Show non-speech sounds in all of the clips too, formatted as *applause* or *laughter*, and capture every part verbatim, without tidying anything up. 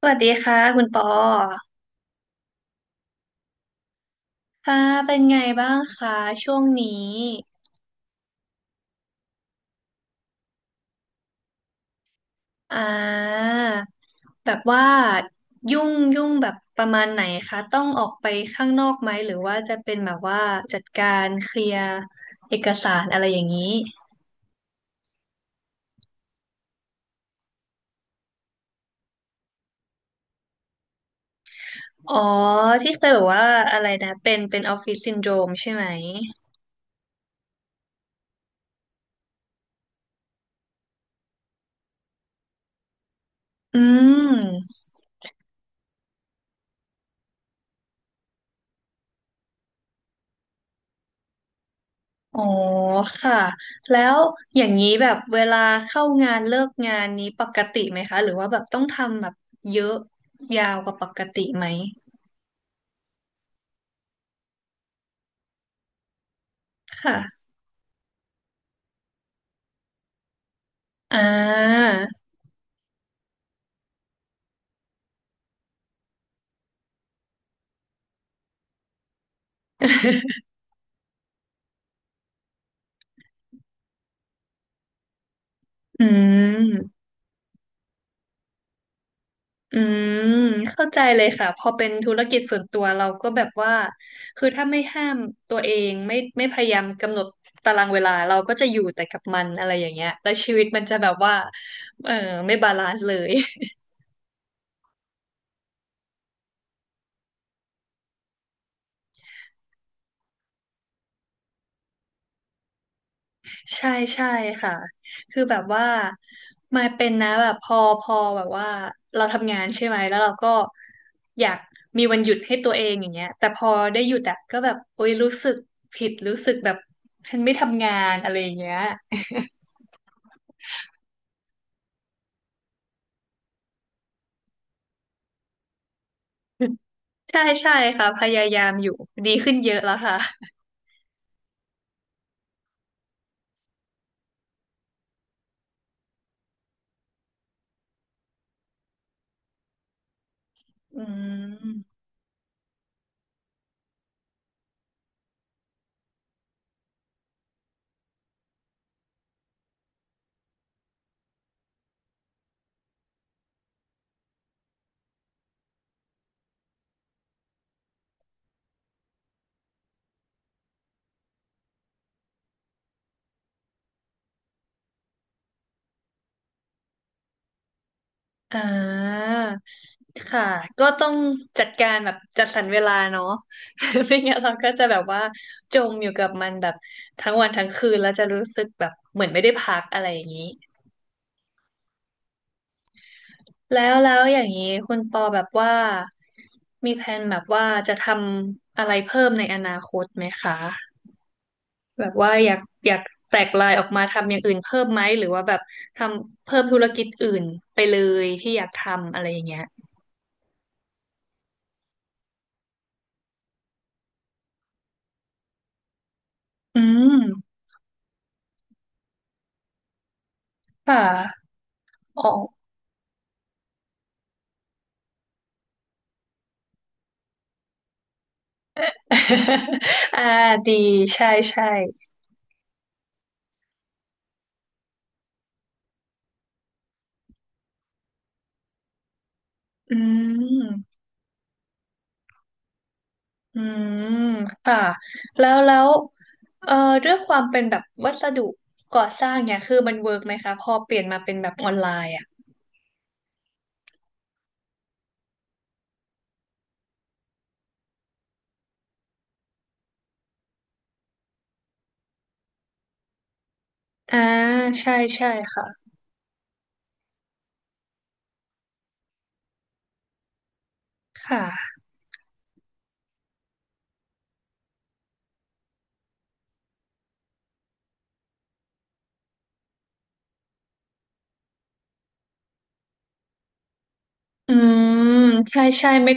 สวัสดีค่ะคุณปอค่ะเป็นไงบ้างคะช่วงนี้อ่าแบบว่ายุ่งยุ่งแบบประมาณไหนคะต้องออกไปข้างนอกไหมหรือว่าจะเป็นแบบว่าจัดการเคลียร์เอกสารอะไรอย่างนี้ อ๋อที่เคยบอกว่าอะไรนะเป็นเป็นออฟฟิศซินโดรมใช่ไหม อืม อ๋อค่ะแล้วอย่างนี้แบบเวลาเข้างานเลิกงานนี้ปกติไหมคะหรือว่าแบบต้องทำแบบเยอะยาวกว่าปกติไหมค่ะอ่า *laughs* อืมอืมเข้าใจเลยค่ะพอเป็นธุรกิจส่วนตัวเราก็แบบว่าคือถ้าไม่ห้ามตัวเองไม่ไม่พยายามกำหนดตารางเวลาเราก็จะอยู่แต่กับมันอะไรอย่างเงี้ยแล้วชีวิตมันจะแบบว่าเออไม่บาลานซ์เลย ใช่ใช่ค่ะคือแบบว่ามาเป็นนะแบบพอพอแบบว่าเราทำงานใช่ไหมแล้วเราก็อยากมีวันหยุดให้ตัวเองอย่างเงี้ยแต่พอได้หยุดอะก็แบบโอ๊ยรู้สึกผิดรู้สึกแบบฉันไม่ทำงานอะไรอย่างเงี้ยใช่ใช่ค่ะพยายามอยู่ดีขึ้นเยอะแล้วค่ะอืมอ่า ค่ะก็ต้องจัดการแบบจัดสรรเวลาเนาะ *laughs* ไม่งั้นเราก็จะแบบว่าจมอยู่กับมันแบบทั้งวันทั้งคืนแล้วจะรู้สึกแบบเหมือนไม่ได้พักอะไรอย่างนี้แล้วแล้วอย่างนี้คุณปอแบบว่ามีแผนแบบว่าจะทำอะไรเพิ่มในอนาคตไหมคะแบบว่าอยากอยากแตกลายออกมาทำอย่างอื่นเพิ่มไหมหรือว่าแบบทำเพิ่มธุรกิจอื่นไปเลยที่อยากทำอะไรอย่างเงี้ยอืมค่ะอ๋อ *laughs* อ่าดีใช่ใช่อืมอืมค่ะแล้วแล้วเอ่อด้วยความเป็นแบบวัสดุก่อสร้างเนี่ยคือมันเวิร์กไหมคะพอเปลี่ยนมาเป็นแบบออนไลน์อ่ะอ่าใช่ใช่ค่ะค่ะอืมใช่ใช่ไม่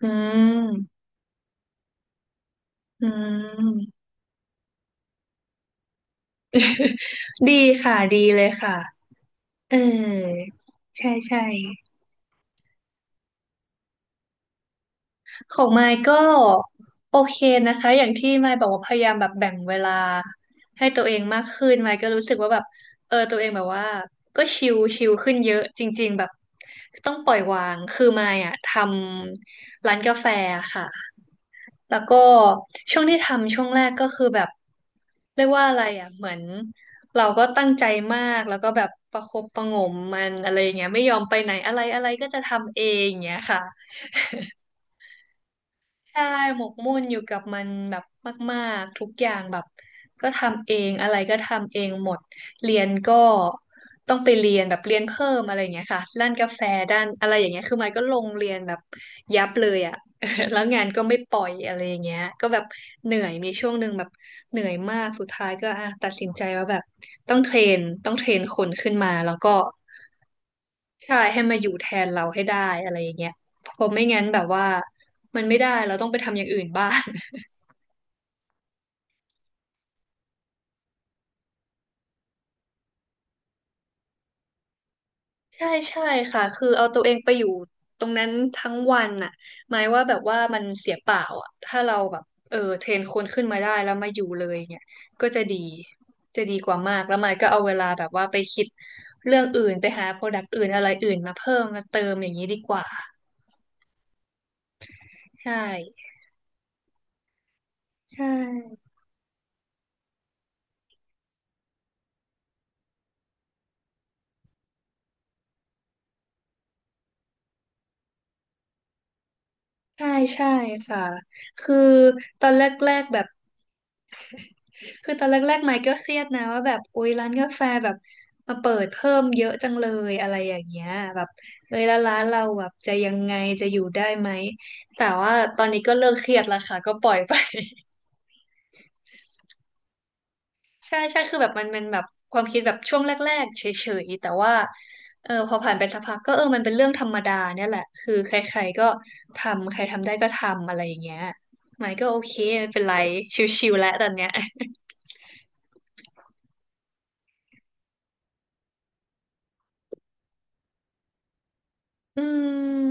อืมอืม *laughs* ดีค่ะดีเลยค่ะเออใช่ใช่ ของไมค์ก็โอเคนะคะอย่างที่ไมค์บอกว่าพยายามแบบแบ่งเวลาให้ตัวเองมากขึ้นไมค์ก็รู้สึกว่าแบบเออตัวเองแบบว่าก็ชิลชิลขึ้นเยอะจริงๆแบบต้องปล่อยวางคือไมค์อะทำร้านกาแฟค่ะแล้วก็ช่วงที่ทำช่วงแรกก็คือแบบเรียกว่าอะไรอะเหมือนเราก็ตั้งใจมากแล้วก็แบบประคบประหงมมันอะไรอย่างเงี้ยไม่ยอมไปไหนอะไรอะไรก็จะทำเองอย่างเงี้ยค่ะ ใช่หมกมุ่นอยู่กับมันแบบมากๆทุกอย่างแบบก็ทำเองอะไรก็ทำเองหมดเรียนก็ต้องไปเรียนแบบเรียนเพิ่มอะไรอย่างเงี้ยค่ะด้านกาแฟด้านอะไรอย่างเงี้ยคือมันก็ลงเรียนแบบยับเลยอ่ะ *laughs* แล้วงานก็ไม่ปล่อยอะไรอย่างเงี้ยก็แบบเหนื่อยมีช่วงหนึ่งแบบเหนื่อยมากสุดท้ายก็อ่ะตัดสินใจว่าแบบต้องเทรนต้องเทรนคนขึ้นมาแล้วก็ ใช่ให้มาอยู่แทนเราให้ได้อะไรอย่างเงี้ยเพราะไม่งั้นแบบว่ามันไม่ได้เราต้องไปทำอย่างอื่น *laughs* บ้างใช่ใช่ค่ะคือเอาตัวเองไปอยู่ตรงนั้นทั้งวันน่ะหมายว่าแบบว่ามันเสียเปล่าอ่ะถ้าเราแบบเออเทรนคนขึ้นมาได้แล้วมาอยู่เลยเนี่ยก็จะดีจะดีกว่ามากแล้วหมายก็เอาเวลาแบบว่าไปคิดเรื่องอื่นไปหาโปรดักต์อื่นอะไรอื่นมาเพิ่มมาเติมอย่างนี้ดีกว่าใช่ใช่ใช่ใช่ค่ะคือตอนแรกๆแบบ คือตอนแรกๆไมค์ก็เครียดนะว่าแบบอุ๊ยร้านกาแฟแบบมาเปิดเพิ่มเยอะจังเลยอะไรอย่างเงี้ยแบบเอ้ยแล้วร้านเราแบบจะยังไงจะอยู่ได้ไหมแต่ว่าตอนนี้ก็เลิกเครียดแล้วค่ะก็ปล่อยไป *laughs* ใช่ใช่คือแบบมันมันแบบความคิดแบบช่วงแรกๆเฉยๆแต่ว่าเออพอผ่านไปสักพักก็เออมันเป็นเรื่องธรรมดาเนี่ยแหละคือใครๆก็ทำใครทำได้ก็ทำอะไรอย่างเงี้ยไมค์ก็โอเคไม่เป็นไรชิวๆแล้วตอนเนี้ย *laughs* อืม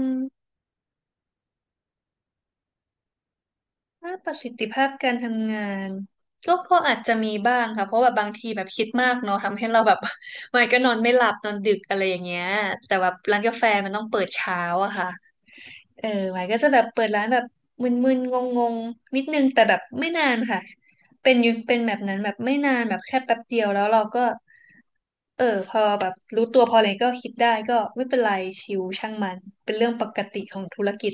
ถ้าประสิทธิภาพการทำงานก็ก็อาจจะมีบ้างค่ะเพราะแบบบางทีแบบคิดมากเนาะทำให้เราแบบ *laughs* วันก็นอนไม่หลับนอนดึกอะไรอย่างเงี้ยแต่ว่าร้านกาแฟมันต้องเปิดเช้าอะค่ะเออไว้ก็จะแบบเปิดร้านแบบมึนๆงงๆนิดนึงแต่แบบไม่นานค่ะเป็นอยู่เป็นแบบนั้นแบบไม่นานแบบแค่แป๊บเดียวแล้วเราก็เออพอแบบรู้ตัวพออะไรก็คิดได้ก็ไม่เป็นไรชิวช่างมันเป็นเรื่องปกติของธุรกิจ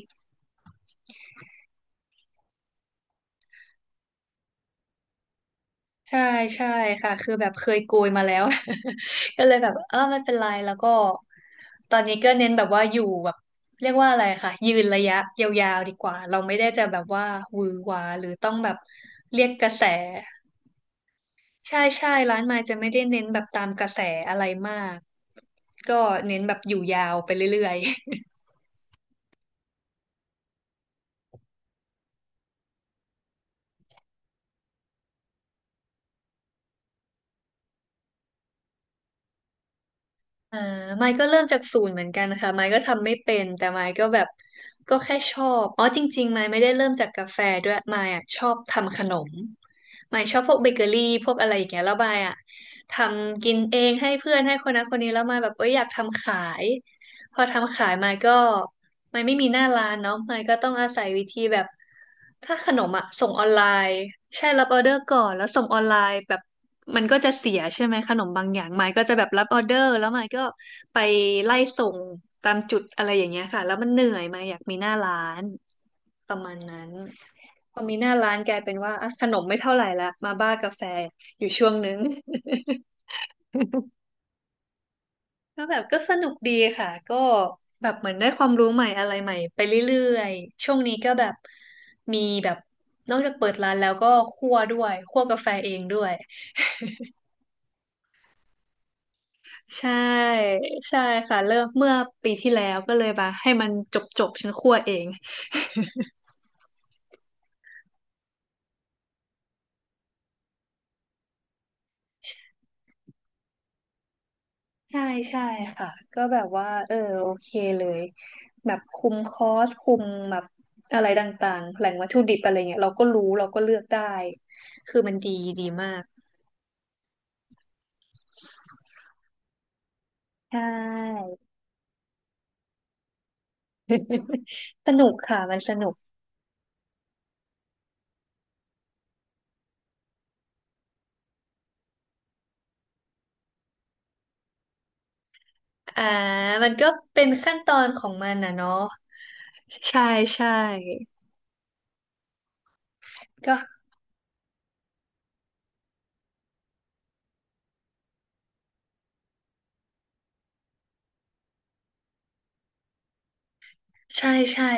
ใช่ใช่ค่ะคือแบบเคยโกยมาแล้ว *laughs* ก็เลยแบบเออไม่เป็นไรแล้วก็ตอนนี้ก็เน้นแบบว่าอยู่แบบเรียกว่าอะไรค่ะยืนระยะยาวๆดีกว่าเราไม่ได้จะแบบว่าหวือหวาหรือต้องแบบเรียกกระแสใช่ใช่ร้านไม้จะไม่ได้เน้นแบบตามกระแสอะไรมากก็เน้นแบบอยู่ยาวไปเรื่อยๆ อ่าไมค์ก็เริ่มจากศูนย์เหมือนกันค่ะไมค์ก็ทำไม่เป็นแต่ไมค์ก็แบบก็แค่ชอบอ๋อจริงๆไมค์ไม่ได้เริ่มจากกาแฟด้วยไมค์อะชอบทำขนมไมค์ชอบพวกเบเกอรี่พวกอะไรอย่างเงี้ยแล้วไมค์อะทำกินเองให้เพื่อนให้คนนั้นคนนี้แล้วไมค์แบบเอ้ยอยากทำขาย พอทำขายมาก็มันไม่มีหน้าร้านเนาะมันก็ต้องอาศัยวิธีแบบถ้าขนมอะส่งออนไลน์ใช่รับออเดอร์ก่อนแล้วส่งออนไลน์แบบมันก็จะเสียใช่ไหมขนมบางอย่างมายก็จะแบบรับออเดอร์แล้วมายก็ไปไล่ส่งตามจุดอะไรอย่างเงี้ยค่ะแล้วมันเหนื่อยมายอยากมีหน้าร้านประมาณนั้นพอมีหน้าร้านกลายเป็นว่าอ่ะขนมไม่เท่าไหร่ละมาบ้ากาแฟอยู่ช่วงนึง ก็แบบก็สนุกดีค่ะก็แบบเหมือนได้ความรู้ใหม่อะไรใหม่ไปเรื่อยๆช่วงนี้ก็แบบมีแบบนอกจากเปิดร้านแล้วก็คั่วด้วยคั่วกาแฟเองด้วยใช่ใช่ค่ะเริ่มเมื่อปีที่แล้วก็เลยมาให้มันจบจบฉันคั่วเอง *laughs* ใช่ใช่ค่ะก็แบบว่าเออโอเคเลยแบบคุมคอสคุมแบบอะไรต่างๆแหล่งวัตถุดิบอะไรเงี้ยเราก็รู้เราก็เลือกได้คือมันดีดีมากใช่ *laughs* สนุกค่ะมันสนุกอ่ามันก็เป็นขั้นตอนของมันอ่ะเนาะใช่ใช่ก็ใช่ใช่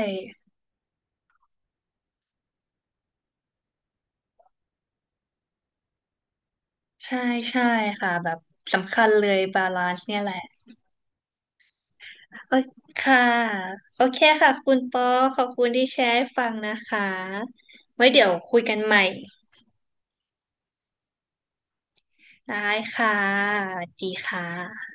ใช่ใช่ค่ะแบบสำคัญเลยบาลานซ์เนี่ยแหละโอเคค่ะโอเคค่ะคุณปอขอบคุณที่แชร์ให้ฟังนะคะไว้เดี๋ยวคุยกันใหม่ได้ค่ะสวัสดีค่ะ